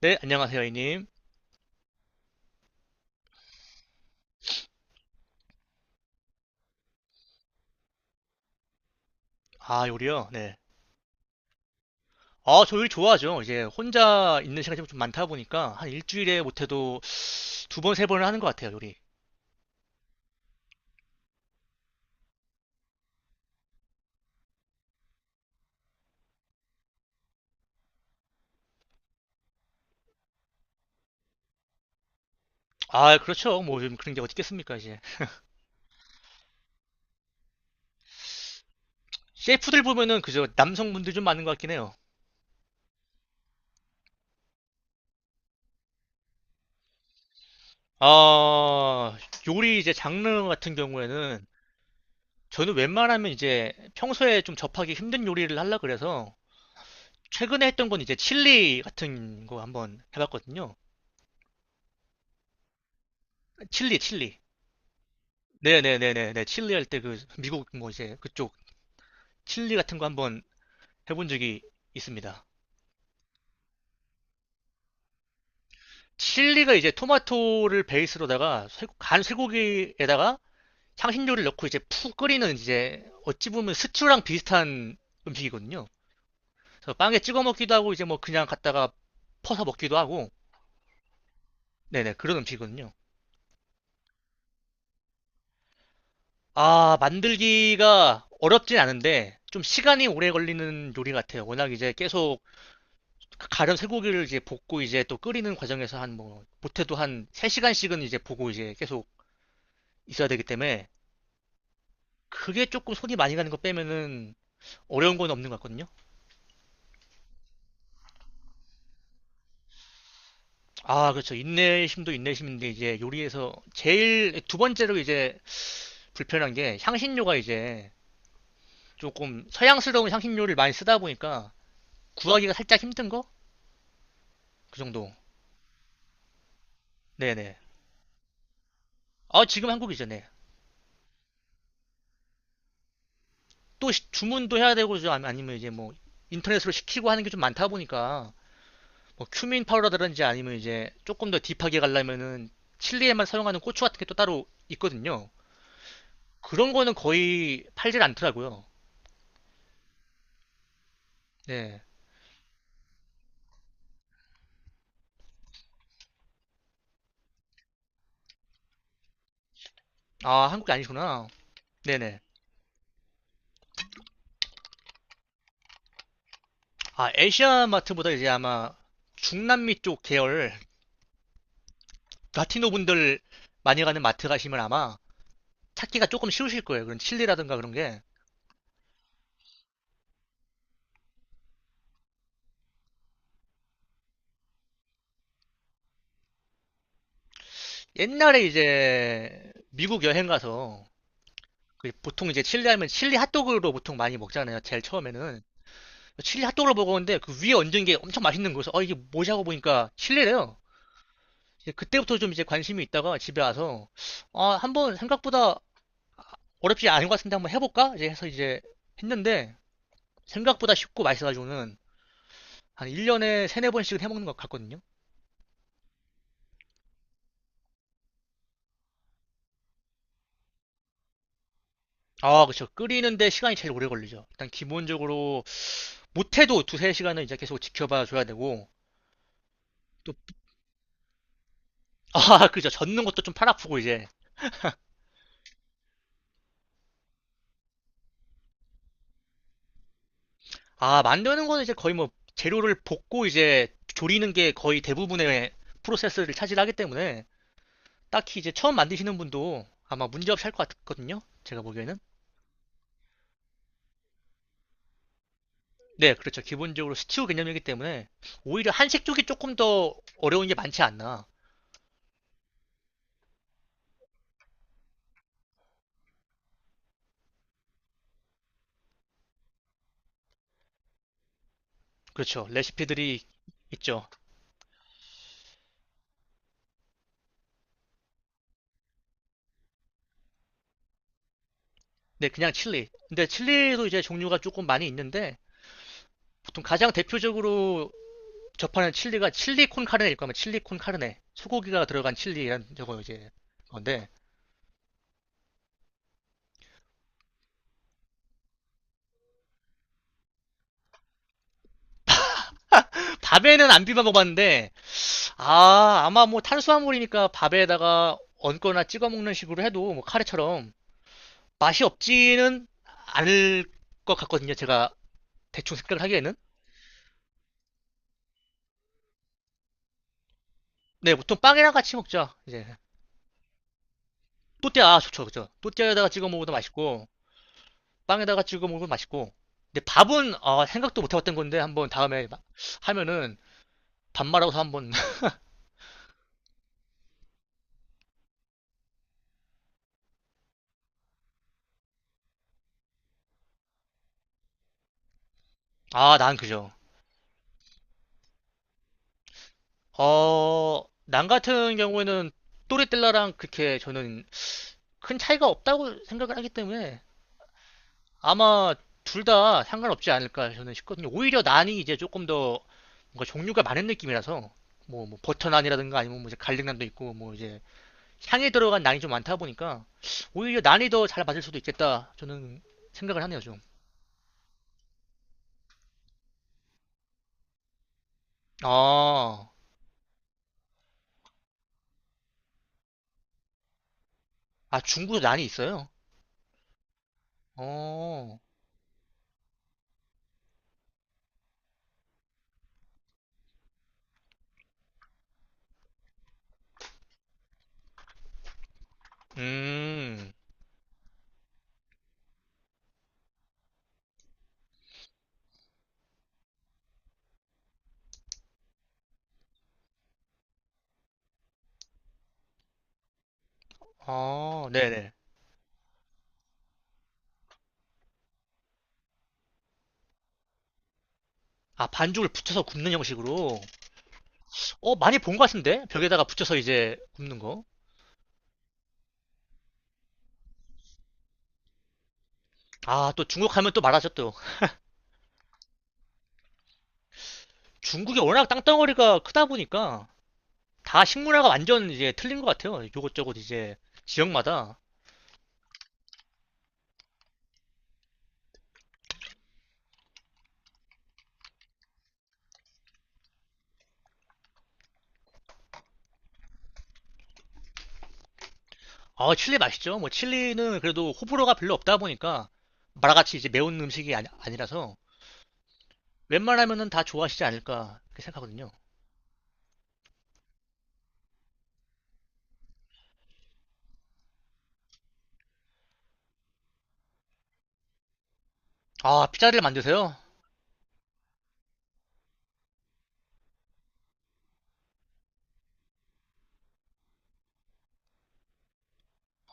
네, 안녕하세요, 이님. 아, 요리요? 네. 아, 저 요리 좋아하죠. 이제 혼자 있는 시간이 좀 많다 보니까 한 일주일에 못해도 두 번, 세 번을 하는 것 같아요, 요리. 아, 그렇죠. 뭐 요즘 그런 게 어디 있겠습니까, 이제. 셰프들 보면은 그저 남성분들 좀 많은 것 같긴 해요. 아, 요리 이제 장르 같은 경우에는 저는 웬만하면 이제 평소에 좀 접하기 힘든 요리를 하려 그래서 최근에 했던 건 이제 칠리 같은 거 한번 해봤거든요. 칠리, 칠리. 네네네네 네. 칠리 할 때 그 미국 뭐 이제 그쪽 칠리 같은 거 한번 해본 적이 있습니다. 칠리가 이제 토마토를 베이스로다가 간 쇠고기에다가 향신료를 넣고 이제 푹 끓이는, 이제 어찌 보면 스튜랑 비슷한 음식이거든요. 그래서 빵에 찍어 먹기도 하고 이제 뭐 그냥 갖다가 퍼서 먹기도 하고, 네네, 그런 음식이거든요. 아, 만들기가 어렵진 않은데 좀 시간이 오래 걸리는 요리 같아요. 워낙 이제 계속 가른 쇠고기를 이제 볶고 이제 또 끓이는 과정에서 한 뭐 못해도 한 세 시간씩은 이제 보고 이제 계속 있어야 되기 때문에 그게 조금 손이 많이 가는 거 빼면은 어려운 건 없는 것 같거든요. 아, 그렇죠. 인내심도 인내심인데 이제 요리에서 제일 두 번째로 이제 불편한 게, 향신료가 이제 조금 서양스러운 향신료를 많이 쓰다 보니까 구하기가 살짝 힘든 거? 그 정도. 네네. 아, 지금 한국이죠. 네. 또 주문도 해야 되고 아니면 이제 뭐 인터넷으로 시키고 하는 게 좀 많다 보니까 뭐 큐민 파우더라든지 아니면 이제 조금 더 딥하게 가려면은 칠리에만 사용하는 고추 같은 게 또 따로 있거든요. 그런 거는 거의 팔질 않더라고요. 네. 아, 한국이 아니구나. 네네. 아, 아시아 마트보다 이제 아마 중남미 쪽 계열 라티노 분들 많이 가는 마트 가시면 아마 찾기가 조금 쉬우실 거예요. 그런 칠리라든가 그런 게. 옛날에 이제 미국 여행 가서 그 보통 이제 칠리 하면 칠리 핫도그로 보통 많이 먹잖아요. 제일 처음에는. 칠리 핫도그를 먹었는데 그 위에 얹은 게 엄청 맛있는 거여서 어, 이게 뭐지 하고 보니까 칠리래요. 이제 그때부터 좀 이제 관심이 있다가 집에 와서 아, 한번 생각보다 어렵지 않은 것 같은데 한번 해볼까? 이제 해서 이제 했는데 생각보다 쉽고 맛있어가지고는 한 1년에 세네 번씩은 해먹는 것 같거든요. 아, 그쵸. 끓이는데 시간이 제일 오래 걸리죠. 일단 기본적으로 못해도 두세 시간은 이제 계속 지켜봐 줘야 되고. 또 아, 그죠. 젓는 것도 좀 팔 아프고 이제. 아, 만드는 거는 이제 거의 뭐 재료를 볶고 이제 조리는 게 거의 대부분의 프로세스를 차지하기 때문에 딱히 이제 처음 만드시는 분도 아마 문제 없이 할 것 같거든요. 제가 보기에는. 네, 그렇죠. 기본적으로 스튜 개념이기 때문에 오히려 한식 쪽이 조금 더 어려운 게 많지 않나. 그렇죠. 레시피들이 있죠. 네, 그냥 칠리. 근데 칠리도 이제 종류가 조금 많이 있는데 보통 가장 대표적으로 접하는 칠리가 칠리 콘 카르네일 거면, 칠리 콘 카르네. 소고기가 들어간 칠리는 저거 이제 건데. 밥에는 안 비벼 먹었는데 아, 아마 뭐 탄수화물이니까 밥에다가 얹거나 찍어 먹는 식으로 해도 뭐 카레처럼 맛이 없지는 않을 것 같거든요. 제가 대충 생각을 하기에는. 네, 보통 빵이랑 같이 먹죠. 이제 또띠아, 아, 좋죠, 그죠? 또띠아에다가 찍어 먹어도 맛있고 빵에다가 찍어 먹어도 맛있고. 근데 밥은 어, 생각도 못 해봤던 건데 한번 다음에 하면은 밥 말아서 한번. 아, 난 그죠. 어, 난 같은 경우에는 또레텔라랑 그렇게 저는 큰 차이가 없다고 생각을 하기 때문에 아마 둘 다 상관없지 않을까 저는 싶거든요. 오히려 난이 이제 조금 더 뭔가 종류가 많은 느낌이라서 뭐 버터 난이라든가 아니면 뭐 이제 갈릭 난도 있고 뭐 이제 향에 들어간 난이 좀 많다 보니까 오히려 난이 더 잘 맞을 수도 있겠다, 저는 생각을 하네요 좀. 아, 아, 중국 난이 있어요? 어, 음, 아, 네네. 아, 반죽을 붙여서 굽는 형식으로. 어, 많이 본 것 같은데 벽에다가 붙여서 이제 굽는 거. 아, 또 중국 하면 또 말하죠 또. 중국이 워낙 땅덩어리가 크다 보니까 다 식문화가 완전 이제 틀린 것 같아요. 요것저것 이제 지역마다. 아, 칠리 맛있죠. 뭐 칠리는 그래도 호불호가 별로 없다 보니까 마라같이 이제 매운 음식이 아니, 아니라서 웬만하면은 다 좋아하시지 않을까 이렇게 생각하거든요. 아, 피자를 만드세요?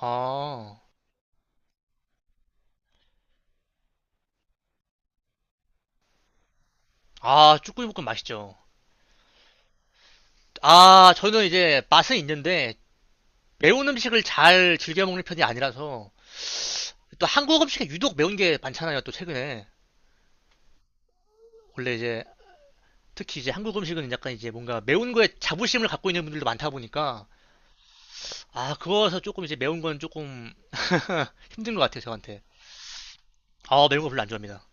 아, 아, 쭈꾸미 볶음 맛있죠. 아, 저는 이제 맛은 있는데 매운 음식을 잘 즐겨 먹는 편이 아니라서. 또 한국 음식에 유독 매운 게 많잖아요. 또 최근에 원래 이제 특히 이제 한국 음식은 약간 이제 뭔가 매운 거에 자부심을 갖고 있는 분들도 많다 보니까 아, 그거서 조금 이제 매운 건 조금 힘든 것 같아요 저한테. 아, 매운 거 별로 안 좋아합니다.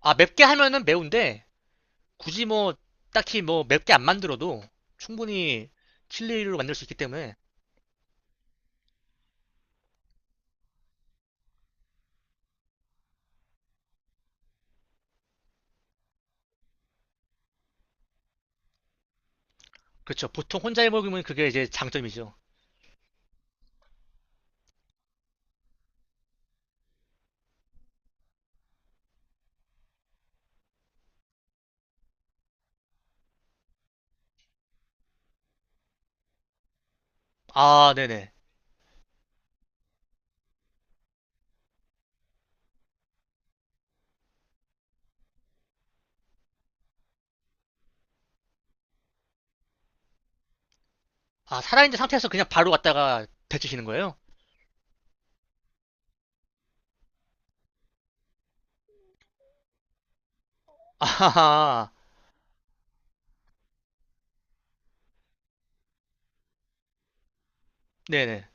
아, 맵게 하면은 매운데 굳이 뭐 딱히 뭐 맵게 안 만들어도 충분히 칠리로 만들 수 있기 때문에. 그렇죠, 보통 혼자 해 먹으면 그게 이제 장점이죠. 아, 네네. 아, 살아있는 상태에서 그냥 바로 왔다가 데치시는 거예요? 아하하. 네네.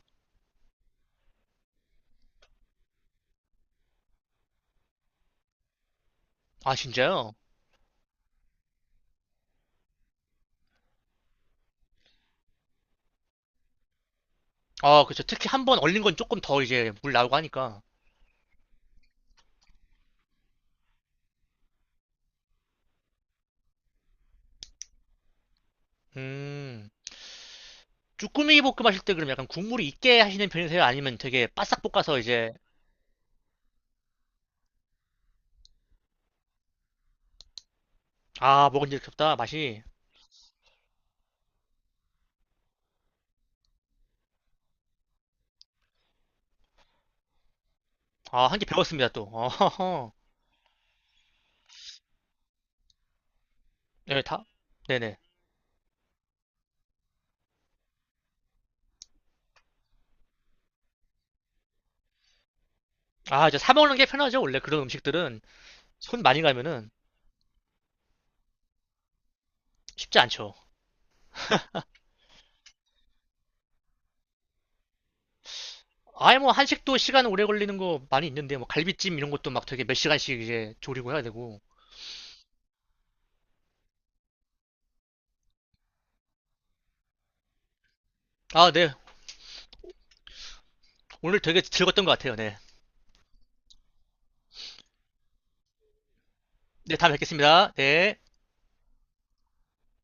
아, 진짜요? 아, 그렇죠, 특히 한번 얼린 건 조금 더 이제 물 나오고 하니까. 음. 쭈꾸미 볶음 하실 때 그럼 약간 국물이 있게 하시는 편이세요? 아니면 되게 바싹 볶아서 이제. 아, 먹은 지 없다 맛이. 아, 1개 배웠습니다 또. 어허허. 네, 다. 네네. 아, 이제 사 먹는 게 편하죠, 원래 그런 음식들은 손 많이 가면은. 쉽지 않죠. 아예 뭐 한식도 시간 오래 걸리는 거 많이 있는데 뭐 갈비찜 이런 것도 막 되게 몇 시간씩 이제 조리고 해야 되고. 아, 네. 오늘 되게 즐거웠던 것 같아요. 네네. 다음에 뵙겠습니다. 네.